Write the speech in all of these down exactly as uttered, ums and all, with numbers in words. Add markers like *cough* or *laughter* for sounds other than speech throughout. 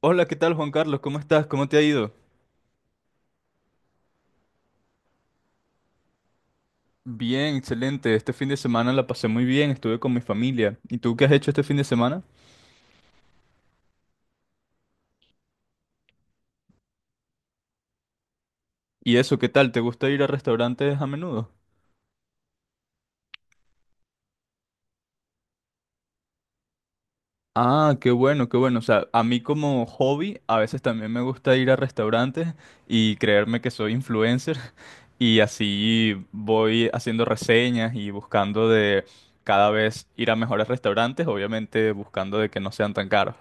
Hola, ¿qué tal Juan Carlos? ¿Cómo estás? ¿Cómo te ha ido? Bien, excelente. Este fin de semana la pasé muy bien, estuve con mi familia. ¿Y tú qué has hecho este fin de semana? ¿Y eso, qué tal? ¿Te gusta ir a restaurantes a menudo? Ah, qué bueno, qué bueno. O sea, a mí como hobby, a veces también me gusta ir a restaurantes y creerme que soy influencer. *laughs* Y así voy haciendo reseñas y buscando de cada vez ir a mejores restaurantes, obviamente buscando de que no sean tan caros.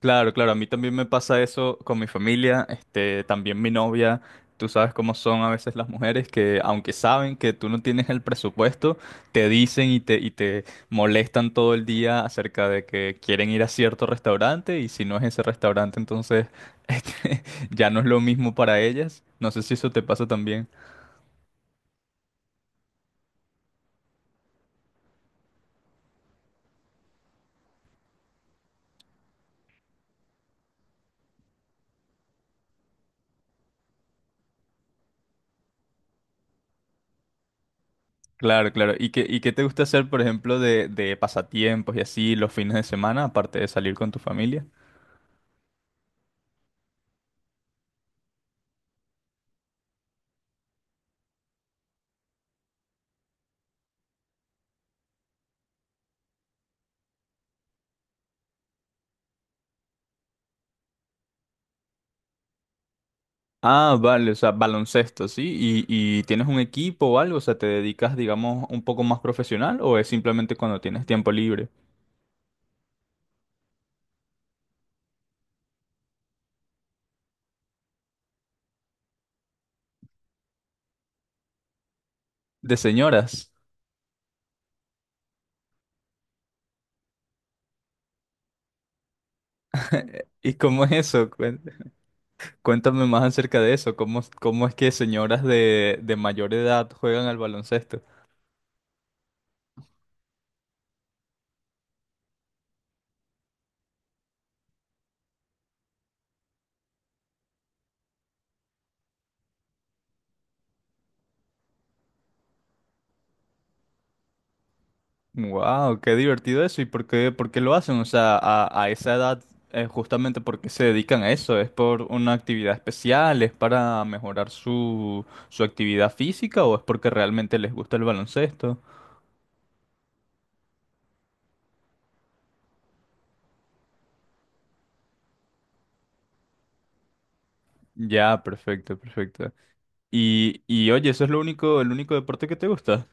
Claro, claro, a mí también me pasa eso con mi familia, este, también mi novia, tú sabes cómo son a veces las mujeres que aunque saben que tú no tienes el presupuesto, te dicen y te, y te molestan todo el día acerca de que quieren ir a cierto restaurante y si no es ese restaurante, entonces *laughs* este, ya no es lo mismo para ellas. No sé si eso te pasa también. Claro, claro. ¿Y qué, y qué te gusta hacer, por ejemplo, de, de pasatiempos y así los fines de semana, aparte de salir con tu familia? Ah, vale, o sea, baloncesto, ¿sí? ¿Y, y tienes un equipo o algo? O sea, ¿te dedicas, digamos, un poco más profesional o es simplemente cuando tienes tiempo libre? De señoras. ¿Y cómo es eso? Cuen- Cuéntame más acerca de eso. ¿Cómo, cómo es que señoras de, de mayor edad juegan al baloncesto? Wow, qué divertido eso. ¿Y por qué, por qué lo hacen? O sea, a, a esa edad, eh, justamente porque se dedican a eso. ¿Es por una actividad especial? ¿Es para mejorar su, su actividad física? ¿O es porque realmente les gusta el baloncesto? Ya, perfecto, perfecto. Y, y oye, ¿eso es lo único, el único deporte que te gusta?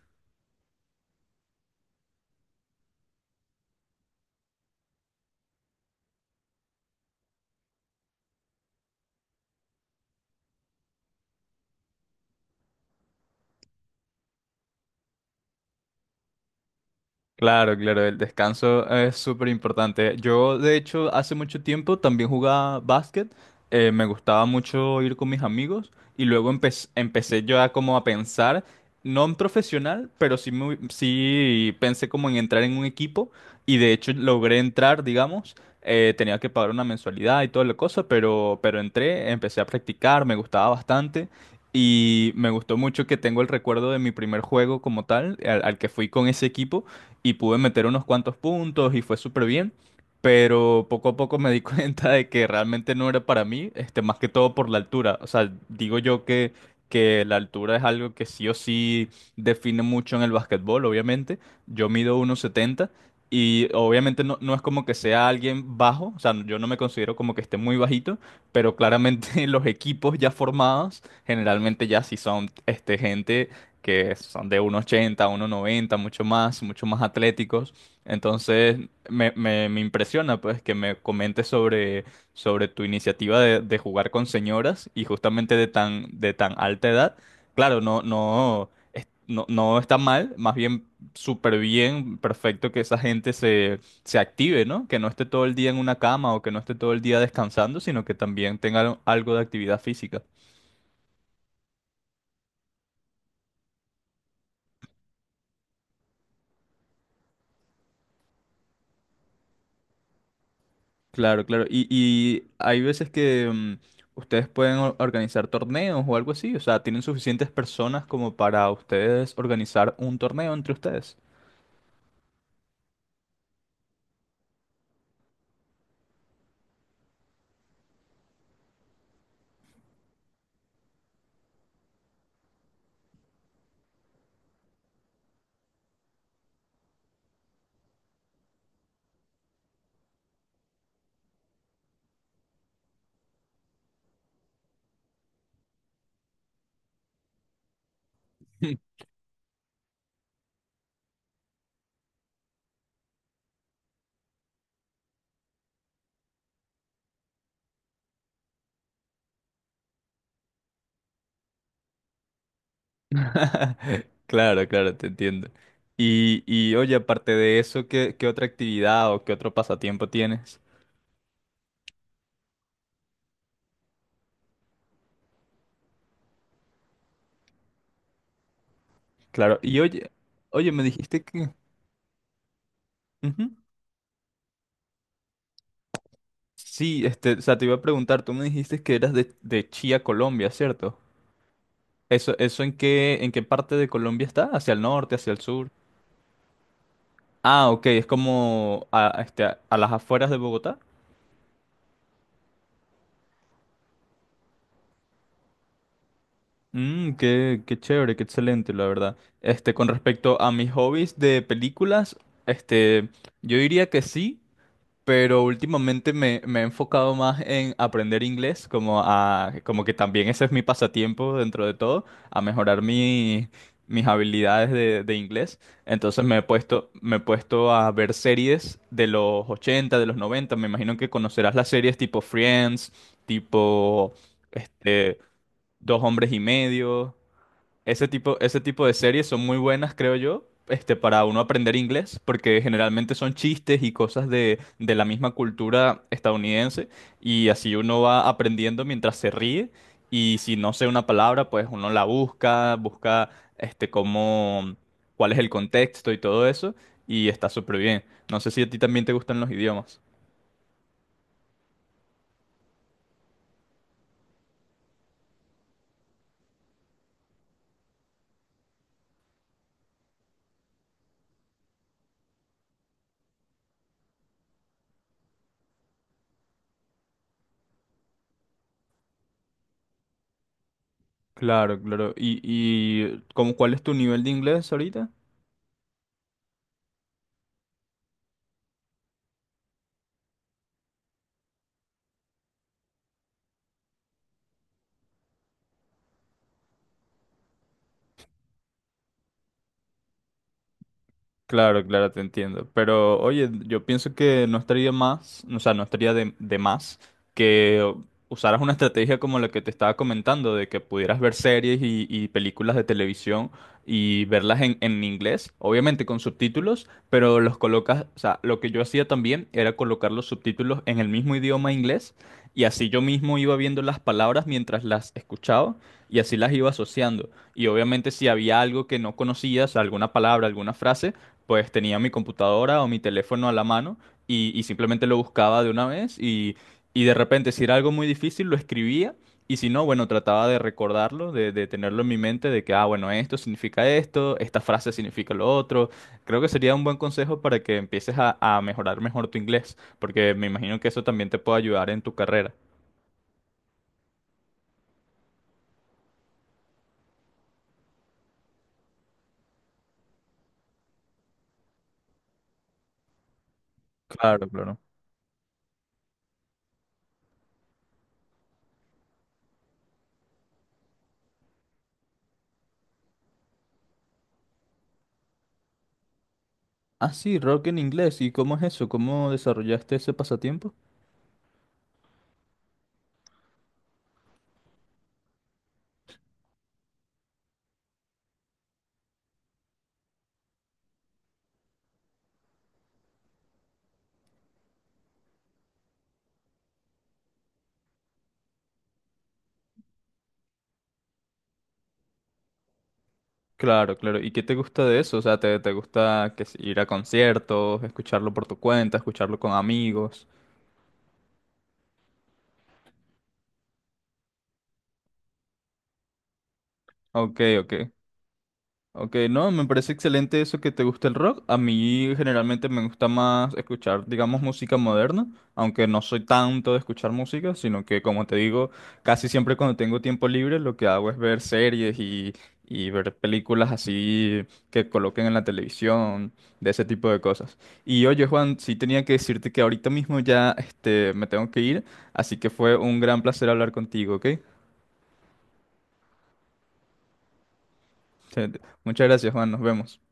Claro, claro, el descanso es súper importante. Yo, de hecho, hace mucho tiempo también jugaba básquet. Eh, me gustaba mucho ir con mis amigos y luego empe- empecé yo a como a pensar, no en profesional, pero sí, muy- sí pensé como en entrar en un equipo y de hecho logré entrar, digamos. Eh, tenía que pagar una mensualidad y toda la cosa, pero, pero entré, empecé a practicar, me gustaba bastante. Y me gustó mucho que tengo el recuerdo de mi primer juego como tal, al al que fui con ese equipo y pude meter unos cuantos puntos y fue súper bien, pero poco a poco me di *laughs* cuenta de que realmente no era para mí, este, más que todo por la altura. O sea, digo yo que, que la altura es algo que sí o sí define mucho en el básquetbol, obviamente. Yo mido uno setenta. Y obviamente no, no es como que sea alguien bajo, o sea, yo no me considero como que esté muy bajito, pero claramente *laughs* los equipos ya formados generalmente ya sí son este, gente que son de uno ochenta, uno noventa, mucho más, mucho más atléticos. Entonces, me, me- me impresiona pues que me comentes sobre, sobre tu iniciativa de, de jugar con señoras y justamente de tan, de tan alta edad. Claro, no, no, es- no, no está mal, más bien súper bien, perfecto que esa gente se, se active, ¿no? Que no esté todo el día en una cama o que no esté todo el día descansando, sino que también tenga algo de actividad física. Claro, claro. Y, y hay veces que mm, ustedes pueden or- organizar torneos o algo así. O sea, tienen suficientes personas como para ustedes organizar un torneo entre ustedes. *laughs* Claro, claro, te entiendo. Y, y oye, aparte de eso, ¿qué, qué otra actividad o qué otro pasatiempo tienes? Claro, y oye, oye, me dijiste que... Ujú. Sí, este, o sea, te iba a preguntar, tú me dijiste que eras de, de Chía, Colombia, ¿cierto? ¿Eso, eso en qué, en qué parte de Colombia está? ¿Hacia el norte, hacia el sur? Ah, ok, es como a, a este, a las afueras de Bogotá. Mm, qué, qué chévere, qué excelente, la verdad. Este, con respecto a mis hobbies de películas, este, yo diría que sí. Pero últimamente me, me he enfocado más en aprender inglés, como a, como que también ese es mi pasatiempo dentro de todo, a mejorar mi- mis habilidades de, de inglés. Entonces me he puesto, me he puesto a ver series de los ochenta de los noventa. Me imagino que conocerás las series tipo Friends, tipo este, Dos Hombres y Medio. Ese tipo, ese tipo de series son muy buenas, creo yo, este, para uno aprender inglés, porque generalmente son chistes y cosas de, de la misma cultura estadounidense, y así uno va aprendiendo mientras se ríe, y si no sé una palabra, pues uno la busca, busca este, cómo, cuál es el contexto y todo eso, y está súper bien. No sé si a ti también te gustan los idiomas. Claro, claro. ¿Y, y cómo, cuál es tu nivel de inglés ahorita? Claro, claro, te entiendo. Pero oye, yo pienso que no estaría más, o sea, no estaría de, de más que usaras una estrategia como la que te estaba comentando, de que pudieras ver series y, y películas de televisión y verlas en, en inglés, obviamente con subtítulos, pero los colocas, o sea, lo que yo hacía también era colocar los subtítulos en el mismo idioma inglés y así yo mismo iba viendo las palabras mientras las escuchaba y así las iba asociando. Y obviamente si había algo que no conocías, alguna palabra, alguna frase, pues tenía mi computadora o mi teléfono a la mano y, y simplemente lo buscaba de una vez y, y de repente si era algo muy difícil lo escribía y si no, bueno, trataba de recordarlo, de, de tenerlo en mi mente, de que, ah, bueno, esto significa esto, esta frase significa lo otro. Creo que sería un buen consejo para que empieces a, a mejorar mejor tu inglés, porque me imagino que eso también te puede ayudar en tu carrera. Claro, claro. Ah, sí, rock en inglés. ¿Y cómo es eso? ¿Cómo desarrollaste ese pasatiempo? Claro, claro. ¿Y qué te gusta de eso? O sea, ¿te, te gusta que si ir a conciertos, escucharlo por tu cuenta, escucharlo con amigos? Ok, ok. Ok, no, me parece excelente eso que te gusta el rock. A mí generalmente me gusta más escuchar, digamos, música moderna, aunque no soy tanto de escuchar música, sino que, como te digo, casi siempre cuando tengo tiempo libre lo que hago es ver series y, y ver películas así que coloquen en la televisión, de ese tipo de cosas. Y oye, Juan, sí tenía que decirte que ahorita mismo ya este, me tengo que ir, así que fue un gran placer hablar contigo, ¿ok? Te- Muchas gracias, Juan, nos vemos.